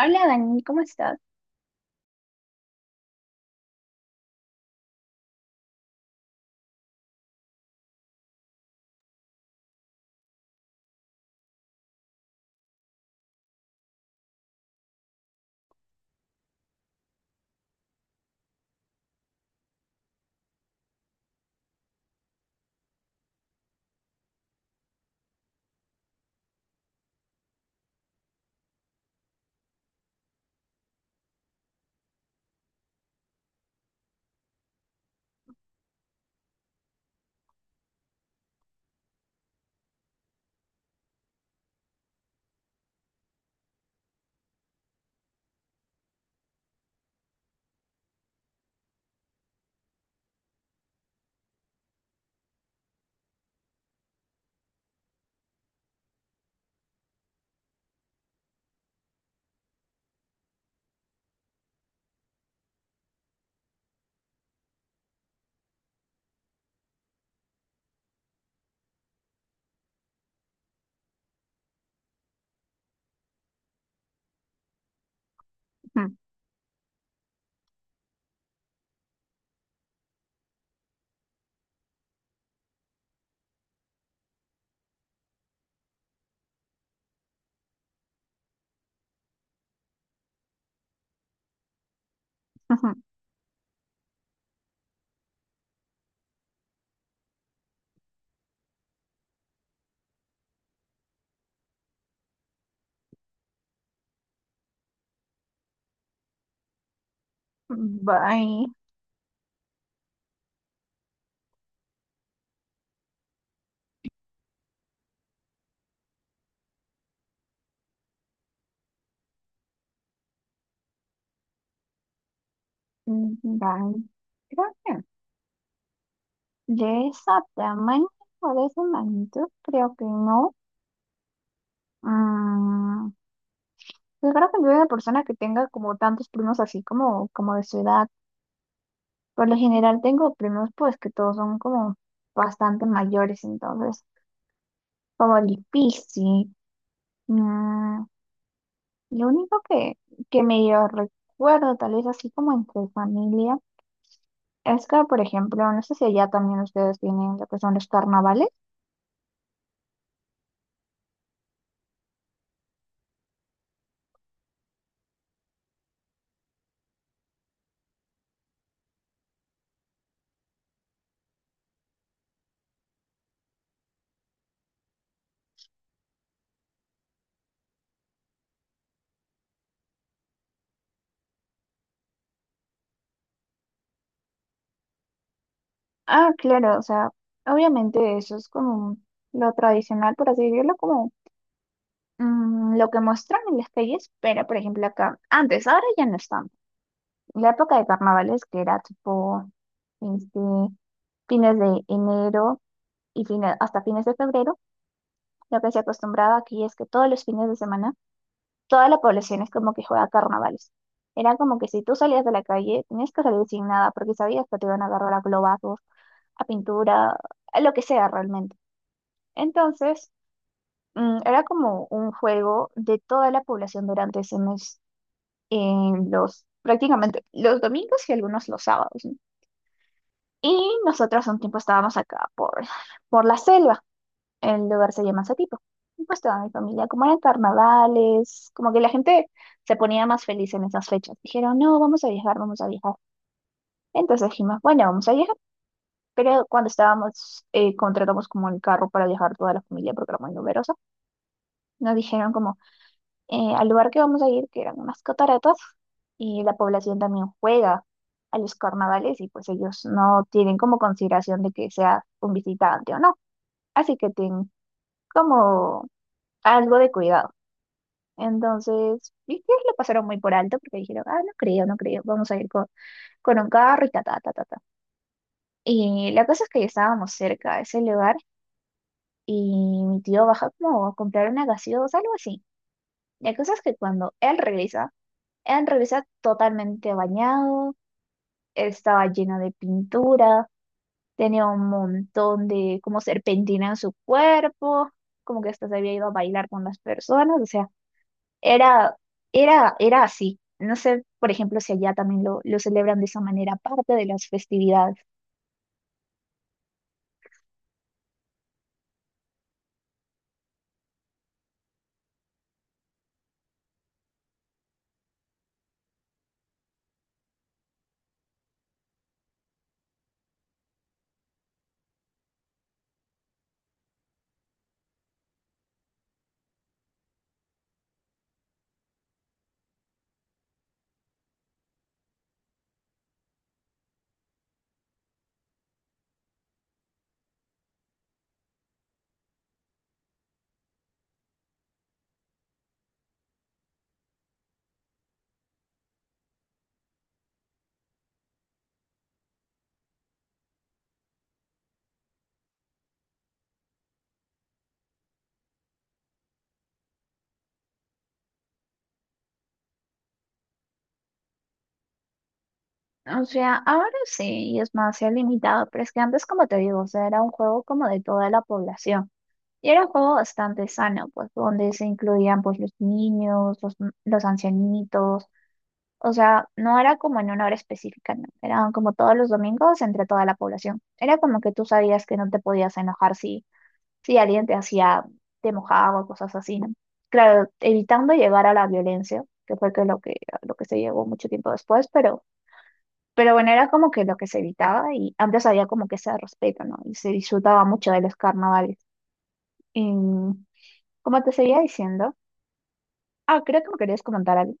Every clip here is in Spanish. Hola Dani, ¿cómo estás? Bye, bye. Mm, Dani, creo que de esa tamaño o de esa magnitud, creo que no. Mm, yo creo que no soy una persona que tenga como tantos primos así como de su edad. Por lo general tengo primos pues que todos son como bastante mayores, entonces como difícil. Mm, lo único que medio recuerdo tal vez así como entre familia. Es que, por ejemplo, no sé si allá también ustedes tienen lo que son los carnavales. Ah, claro, o sea, obviamente eso es como lo tradicional, por así decirlo, como lo que muestran en las calles, pero por ejemplo acá, antes, ahora ya no están. La época de carnavales que era tipo este, fines de enero y fines, hasta fines de febrero, lo que se acostumbraba aquí es que todos los fines de semana toda la población es como que juega carnavales. Era como que si tú salías de la calle, tenías que salir sin nada, porque sabías que te iban a agarrar a globazos, a pintura, a lo que sea realmente. Entonces, era como un juego de toda la población durante ese mes, en los, prácticamente los domingos y algunos los sábados, ¿no? Y nosotros un tiempo estábamos acá por la selva. El lugar se llama Satipo. Y pues toda mi familia, como eran carnavales, como que la gente se ponía más feliz en esas fechas. Dijeron, no, vamos a viajar, vamos a viajar. Entonces dijimos, bueno, vamos a viajar. Pero cuando estábamos, contratamos como el carro para viajar toda la familia porque era muy numerosa, nos dijeron como al lugar que vamos a ir, que eran unas cataratas, y la población también juega a los carnavales y pues ellos no tienen como consideración de que sea un visitante o no. Así que tienen como algo de cuidado. Entonces, mis tíos lo pasaron muy por alto porque dijeron, ah, no creo, no creo, vamos a ir con un carro y ta, ta, ta, ta, ta. Y la cosa es que ya estábamos cerca de ese lugar y mi tío baja como a comprar una gaseosa, algo así. La cosa es que cuando él regresa totalmente bañado, estaba lleno de pintura, tenía un montón de como serpentina en su cuerpo, como que hasta se había ido a bailar con las personas, o sea. Era, era así. No sé, por ejemplo, si allá también lo celebran de esa manera, parte de las festividades. O sea, ahora sí, y es más, se ha limitado, pero es que antes, como te digo, o sea, era un juego como de toda la población. Y era un juego bastante sano, pues, donde se incluían, pues, los niños, los ancianitos. O sea, no era como en una hora específica, no. Eran como todos los domingos entre toda la población. Era como que tú sabías que no te podías enojar si. Sí, alguien te hacía, te mojaba, o cosas así, ¿no? Claro, evitando llegar a la violencia, que fue que lo que, lo que se llegó mucho tiempo después, pero bueno, era como que lo que se evitaba y antes había como que ese respeto, ¿no? Y se disfrutaba mucho de los carnavales. Y, como te seguía diciendo, ah, creo que me querías comentar algo.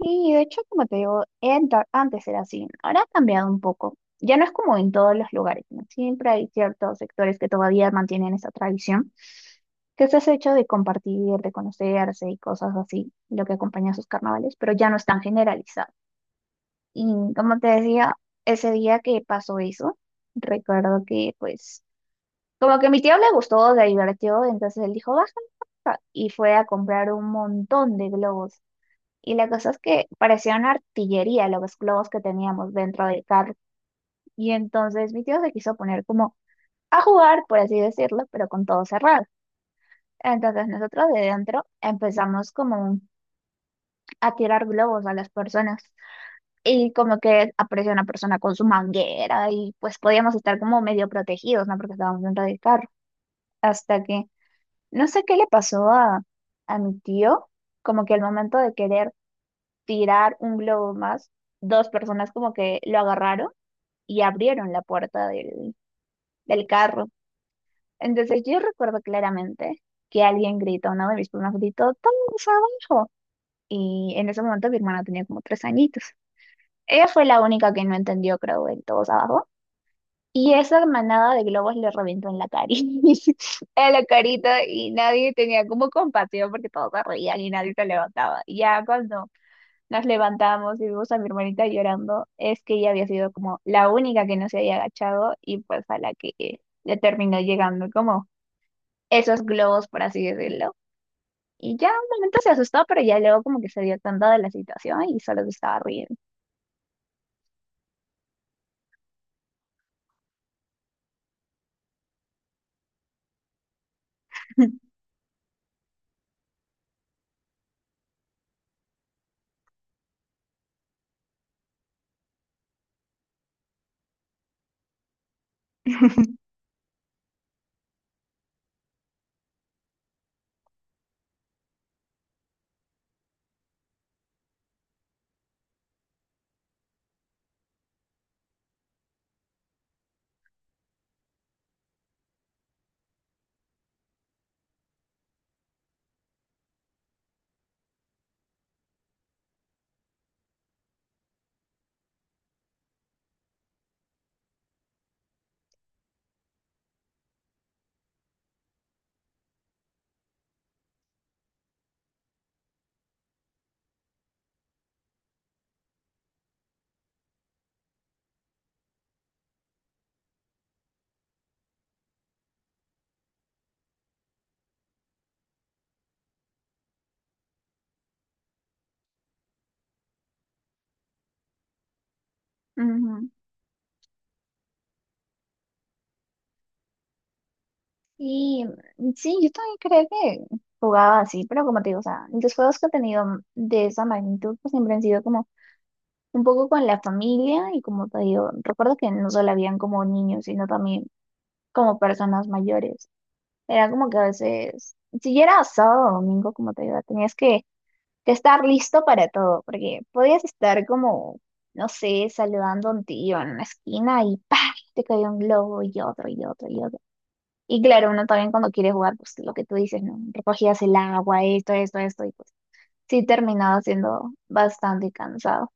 Sí, de hecho, como te digo, antes era así, ahora ha cambiado un poco. Ya no es como en todos los lugares, ¿no? Siempre hay ciertos sectores que todavía mantienen esa tradición, que es ese hecho de compartir, de conocerse y cosas así, lo que acompaña a sus carnavales, pero ya no es tan generalizado. Y como te decía, ese día que pasó eso, recuerdo que pues como que a mi tío le gustó, le divirtió, entonces él dijo, baja, y fue a comprar un montón de globos. Y la cosa es que parecía una artillería los globos que teníamos dentro del carro. Y entonces mi tío se quiso poner como a jugar, por así decirlo, pero con todo cerrado. Entonces nosotros de dentro empezamos como a tirar globos a las personas. Y como que apareció una persona con su manguera y pues podíamos estar como medio protegidos, ¿no? Porque estábamos dentro del carro. Hasta que no sé qué le pasó a mi tío, como que al momento de querer tirar un globo más, dos personas como que lo agarraron y abrieron la puerta del carro. Entonces yo recuerdo claramente que alguien gritó, uno de mis primas gritó, «¡Todos abajo!». Y en ese momento mi hermana tenía como tres añitos. Ella fue la única que no entendió, creo, el todos abajo. Y esa manada de globos le reventó en la en la carita, y nadie tenía como compasión porque todos se reían y nadie se levantaba. Y ya cuando nos levantamos y vimos a mi hermanita llorando, es que ella había sido como la única que no se había agachado y pues a la que le terminó llegando como esos globos, por así decirlo. Y ya un momento se asustó, pero ya luego como que se dio cuenta de la situación y solo se estaba riendo. Ujú. Y sí, yo también creo que jugaba así, pero como te digo, o sea, los juegos que he tenido de esa magnitud pues siempre han sido como un poco con la familia y como te digo, recuerdo que no solo habían como niños, sino también como personas mayores. Era como que a veces, si era sábado o domingo, como te digo, tenías que estar listo para todo, porque podías estar como, no sé, saludando a un tío en una esquina y ¡pah! Te caía un globo y otro y otro y otro. Y claro, uno también cuando quiere jugar, pues lo que tú dices, ¿no? Recogías el agua, esto, y pues sí terminaba siendo bastante cansado.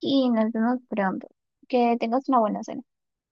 Y nos vemos pronto. Que tengas una buena cena.